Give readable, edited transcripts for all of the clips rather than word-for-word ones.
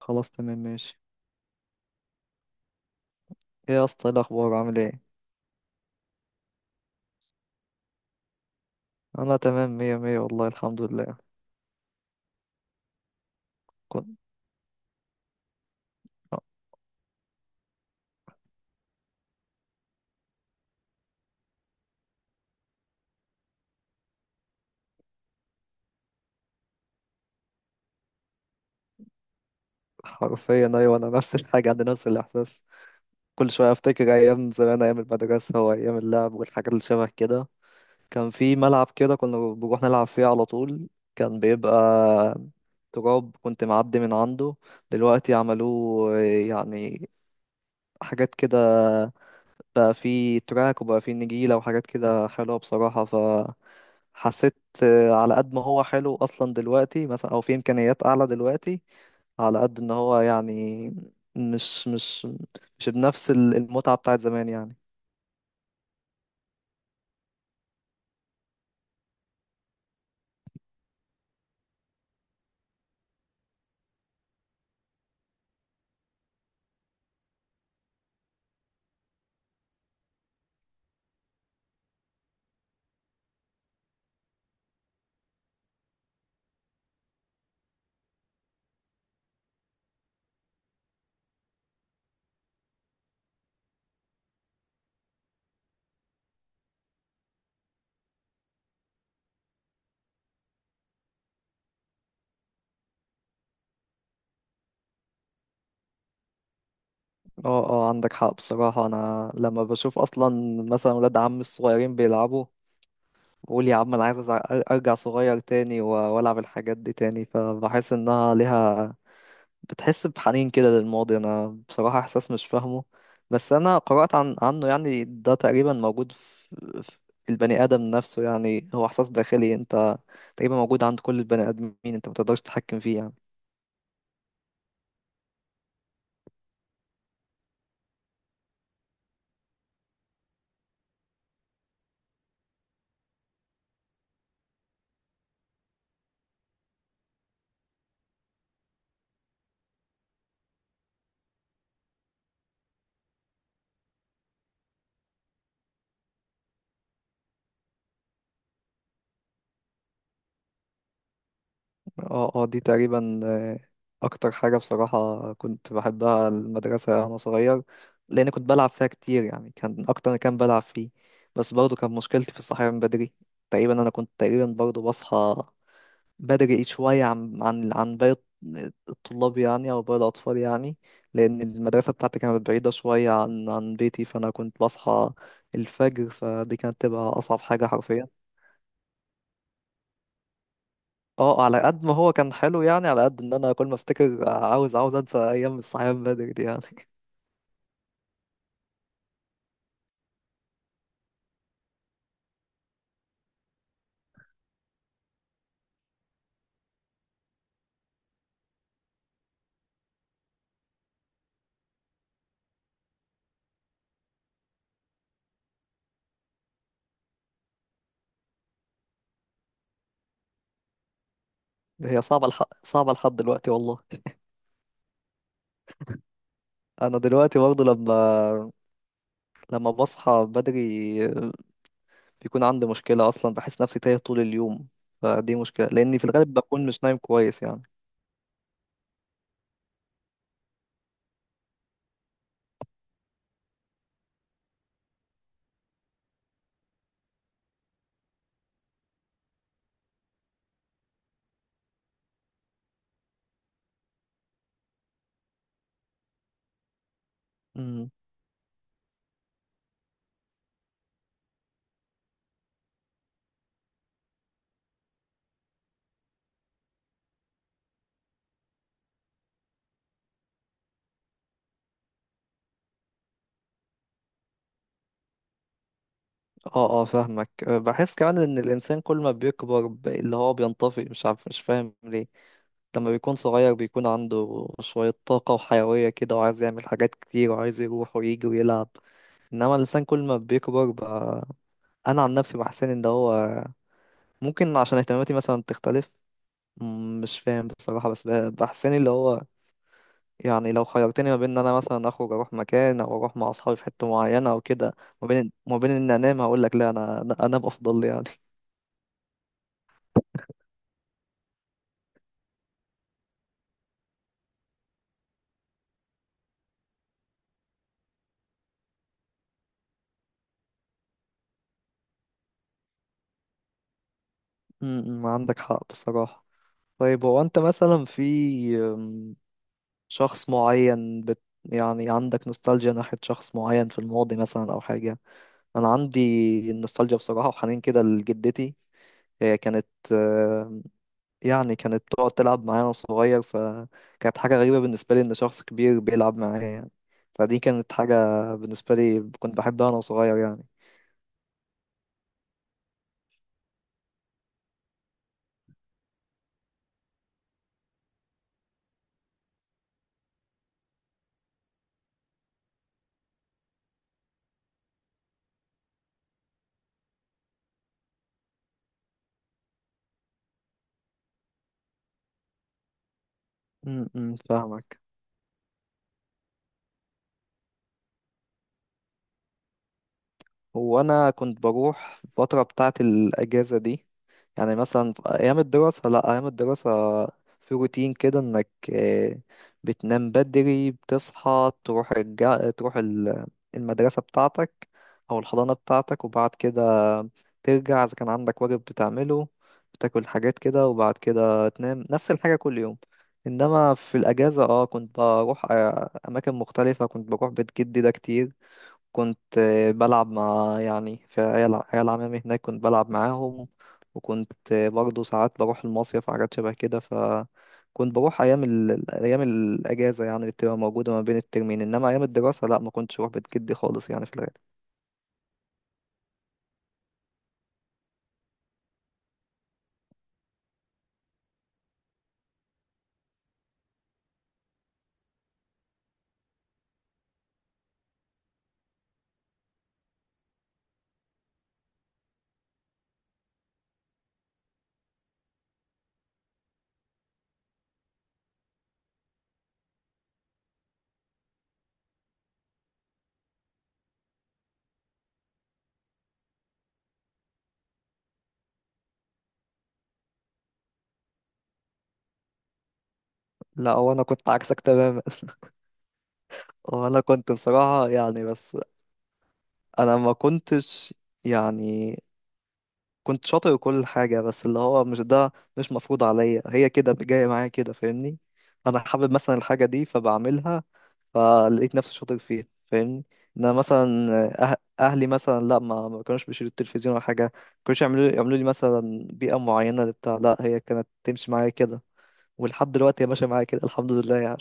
خلاص تمام ماشي. ايه يا اسطى؟ ايه الاخبار؟ عامل ايه؟ انا تمام مية مية والله الحمد لله. كنت آه، حرفيا ايوه، انا نفس الحاجه، عندي نفس الاحساس. كل شويه افتكر ايام زمان، ايام المدرسه وايام اللعب والحاجات اللي شبه كده. كان في ملعب كده كنا بنروح نلعب فيه على طول. كان بيبقى تراب، كنت معدي من عنده. دلوقتي عملوه يعني حاجات كده، بقى فيه تراك وبقى فيه نجيلة وحاجات كده حلوة بصراحة. فحسيت على قد ما هو حلو أصلا دلوقتي مثلا، أو فيه إمكانيات أعلى دلوقتي، على قد إن هو يعني مش مش مش بنفس المتعة بتاعت زمان يعني. اه، اه، عندك حق بصراحة. أنا لما بشوف أصلا مثلا ولاد عمي الصغيرين بيلعبوا بقول يا عم أنا عايز أرجع صغير تاني وألعب الحاجات دي تاني، فبحس إنها ليها، بتحس بحنين كده للماضي. أنا بصراحة إحساس مش فاهمه، بس أنا قرأت عنه يعني، ده تقريبا موجود في البني آدم نفسه، يعني هو إحساس داخلي، أنت تقريبا موجود عند كل البني آدمين، أنت متقدرش تتحكم فيه يعني. اه، اه، دي تقريبا. اكتر حاجة بصراحة كنت بحبها المدرسة وانا صغير، لان كنت بلعب فيها كتير، يعني كان اكتر ما كان بلعب فيه. بس برضه كان مشكلتي في الصحيان من بدري. تقريبا انا كنت تقريبا برضه بصحى بدري شوية عن باقي الطلاب يعني، او باقي الاطفال يعني. لان المدرسة بتاعتي كانت بعيدة شوية عن بيتي، فانا كنت بصحى الفجر، فدي كانت تبقى اصعب حاجة حرفيا. اه، على قد ما هو كان حلو يعني، على قد ان انا كل ما افتكر عاوز، عاوز انسى ايام الصحيان من بدري دي يعني. هي صعبه صعبه لحد دلوقتي والله. انا دلوقتي برضه لما بصحى بدري بيكون عندي مشكله اصلا، بحس نفسي تايه طول اليوم، فدي مشكله لاني في الغالب بكون مش نايم كويس يعني. امم. اه، اه، فاهمك. بحس كمان ان الانسان كل ما بيكبر اللي هو بينطفي، مش عارف، مش فاهم ليه. لما بيكون صغير بيكون عنده شوية طاقة وحيوية كده وعايز يعمل حاجات كتير وعايز يروح ويجي ويلعب، إنما الإنسان كل ما بيكبر بقى، أنا عن نفسي بحسن إن هو ممكن عشان اهتماماتي مثلا بتختلف. مش فاهم بصراحة، بس بحسن اللي هو يعني لو خيرتني ما بين إن أنا مثلا أخرج أروح مكان أو أروح مع أصحابي في حتة معينة أو كده ما بين إن أنام، هقول لك لا، أنا أنام أفضل لي يعني. مم، مم، عندك حق بصراحة. طيب هو أنت مثلا في شخص معين يعني عندك نوستالجيا ناحية شخص معين في الماضي مثلا أو حاجة؟ أنا عندي النوستالجيا بصراحة وحنين كده لجدتي. هي كانت، آه، يعني كانت تقعد تلعب معايا وأنا صغير، فكانت حاجة غريبة بالنسبة لي إن شخص كبير بيلعب معايا يعني. فدي كانت حاجة بالنسبة لي كنت بحبها وأنا صغير يعني. م- م، فاهمك. هو انا كنت بروح الفتره بتاعه الاجازه دي. يعني مثلا في ايام الدراسه، لا، ايام الدراسه في روتين كده انك بتنام بدري، بتصحى تروح المدرسه بتاعتك او الحضانه بتاعتك، وبعد كده ترجع اذا كان عندك واجب بتعمله، بتاكل حاجات كده وبعد كده تنام نفس الحاجه كل يوم. انما في الاجازه كنت بروح اماكن مختلفه، كنت بروح بيت جدي ده كتير. كنت بلعب مع يعني في عيال عمامي هناك، كنت بلعب معاهم. وكنت برضه ساعات بروح المصيف وحاجات شبه كده. فكنت بروح أيام الأجازة يعني اللي بتبقى موجودة ما بين الترمين، إنما أيام الدراسة لأ، ما كنتش بروح بيت جدي خالص يعني في الغالب. لا هو أنا كنت عكسك تماما. هو أنا كنت بصراحة يعني بس أنا ما كنتش يعني، كنت شاطر وكل حاجة بس اللي هو مش ده، مش مفروض عليا، هي كده جاية معايا كده، فاهمني؟ أنا حابب مثلا الحاجة دي فبعملها، فلقيت نفسي شاطر فيها فاهمني. إن مثلا أهلي مثلا، لا، ما كانوش بيشيلوا التلفزيون ولا حاجة، ما كانوش يعملوا لي مثلا بيئة معينة لبتاع، لا، هي كانت تمشي معايا كده، ولحد دلوقتي هي ماشية معايا كده الحمد لله يعني.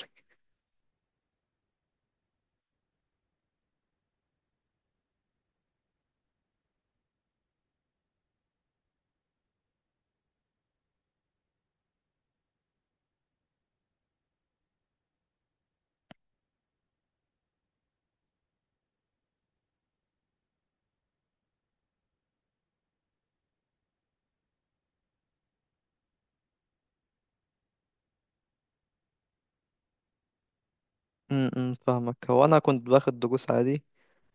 م- م، فاهمك. هو أنا كنت باخد دروس عادي،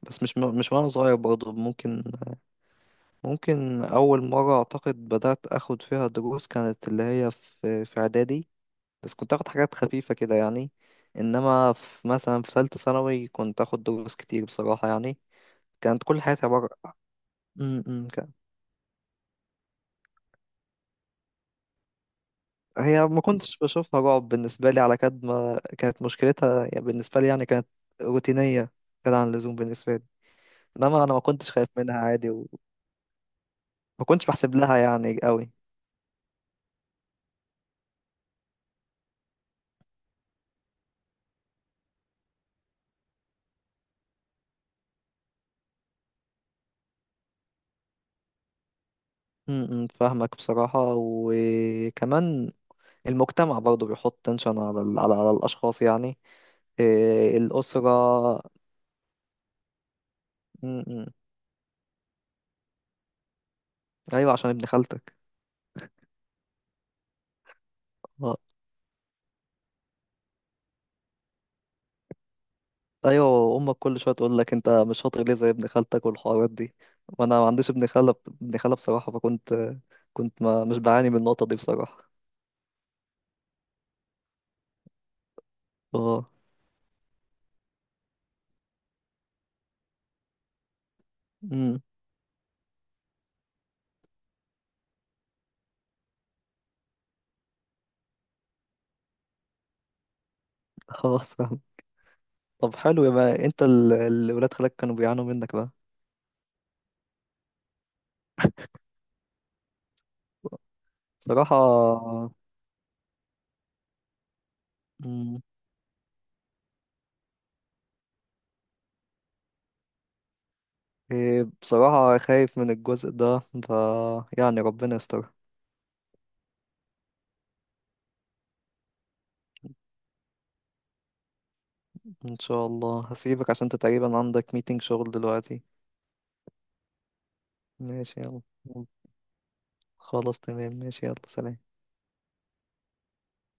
بس مش وأنا صغير برضه، ممكن أول مرة أعتقد بدأت أخد فيها دروس كانت اللي هي في إعدادي، بس كنت أخد حاجات خفيفة كده يعني. إنما في مثلا في ثالثة ثانوي كنت أخد دروس كتير بصراحة يعني، كانت كل حياتي عبارة. م- م، هي ما كنتش بشوفها رعب بالنسبة لي، على قد ما كانت مشكلتها يعني بالنسبة لي، يعني كانت روتينية كده عن اللزوم بالنسبة لي، إنما أنا ما كنتش خايف منها عادي وما كنتش بحسب لها يعني قوي. م- م، فاهمك بصراحة. وكمان المجتمع برضه بيحط تنشن على على الأشخاص يعني، إيه، الأسرة. م- م. أيوة عشان ابن خالتك. آه، أيوة أمك كل شوية تقول لك أنت مش شاطر ليه زي ابن خالتك والحوارات دي، وأنا ما عنديش ابن خالة، ابن خالة بصراحة، فكنت ما مش بعاني من النقطة دي بصراحة. اه. امم. خلاص فاهم. طب حلو، يبقى أنت الولاد خالك كانوا بيعانوا منك بقى بصراحة. مم. إيه، بصراحة خايف من الجزء ده، يعني ربنا يستر. ان شاء الله هسيبك عشان انت تقريبا عندك ميتنج شغل دلوقتي. ماشي يلا. خلاص تمام ماشي يلا، سلام.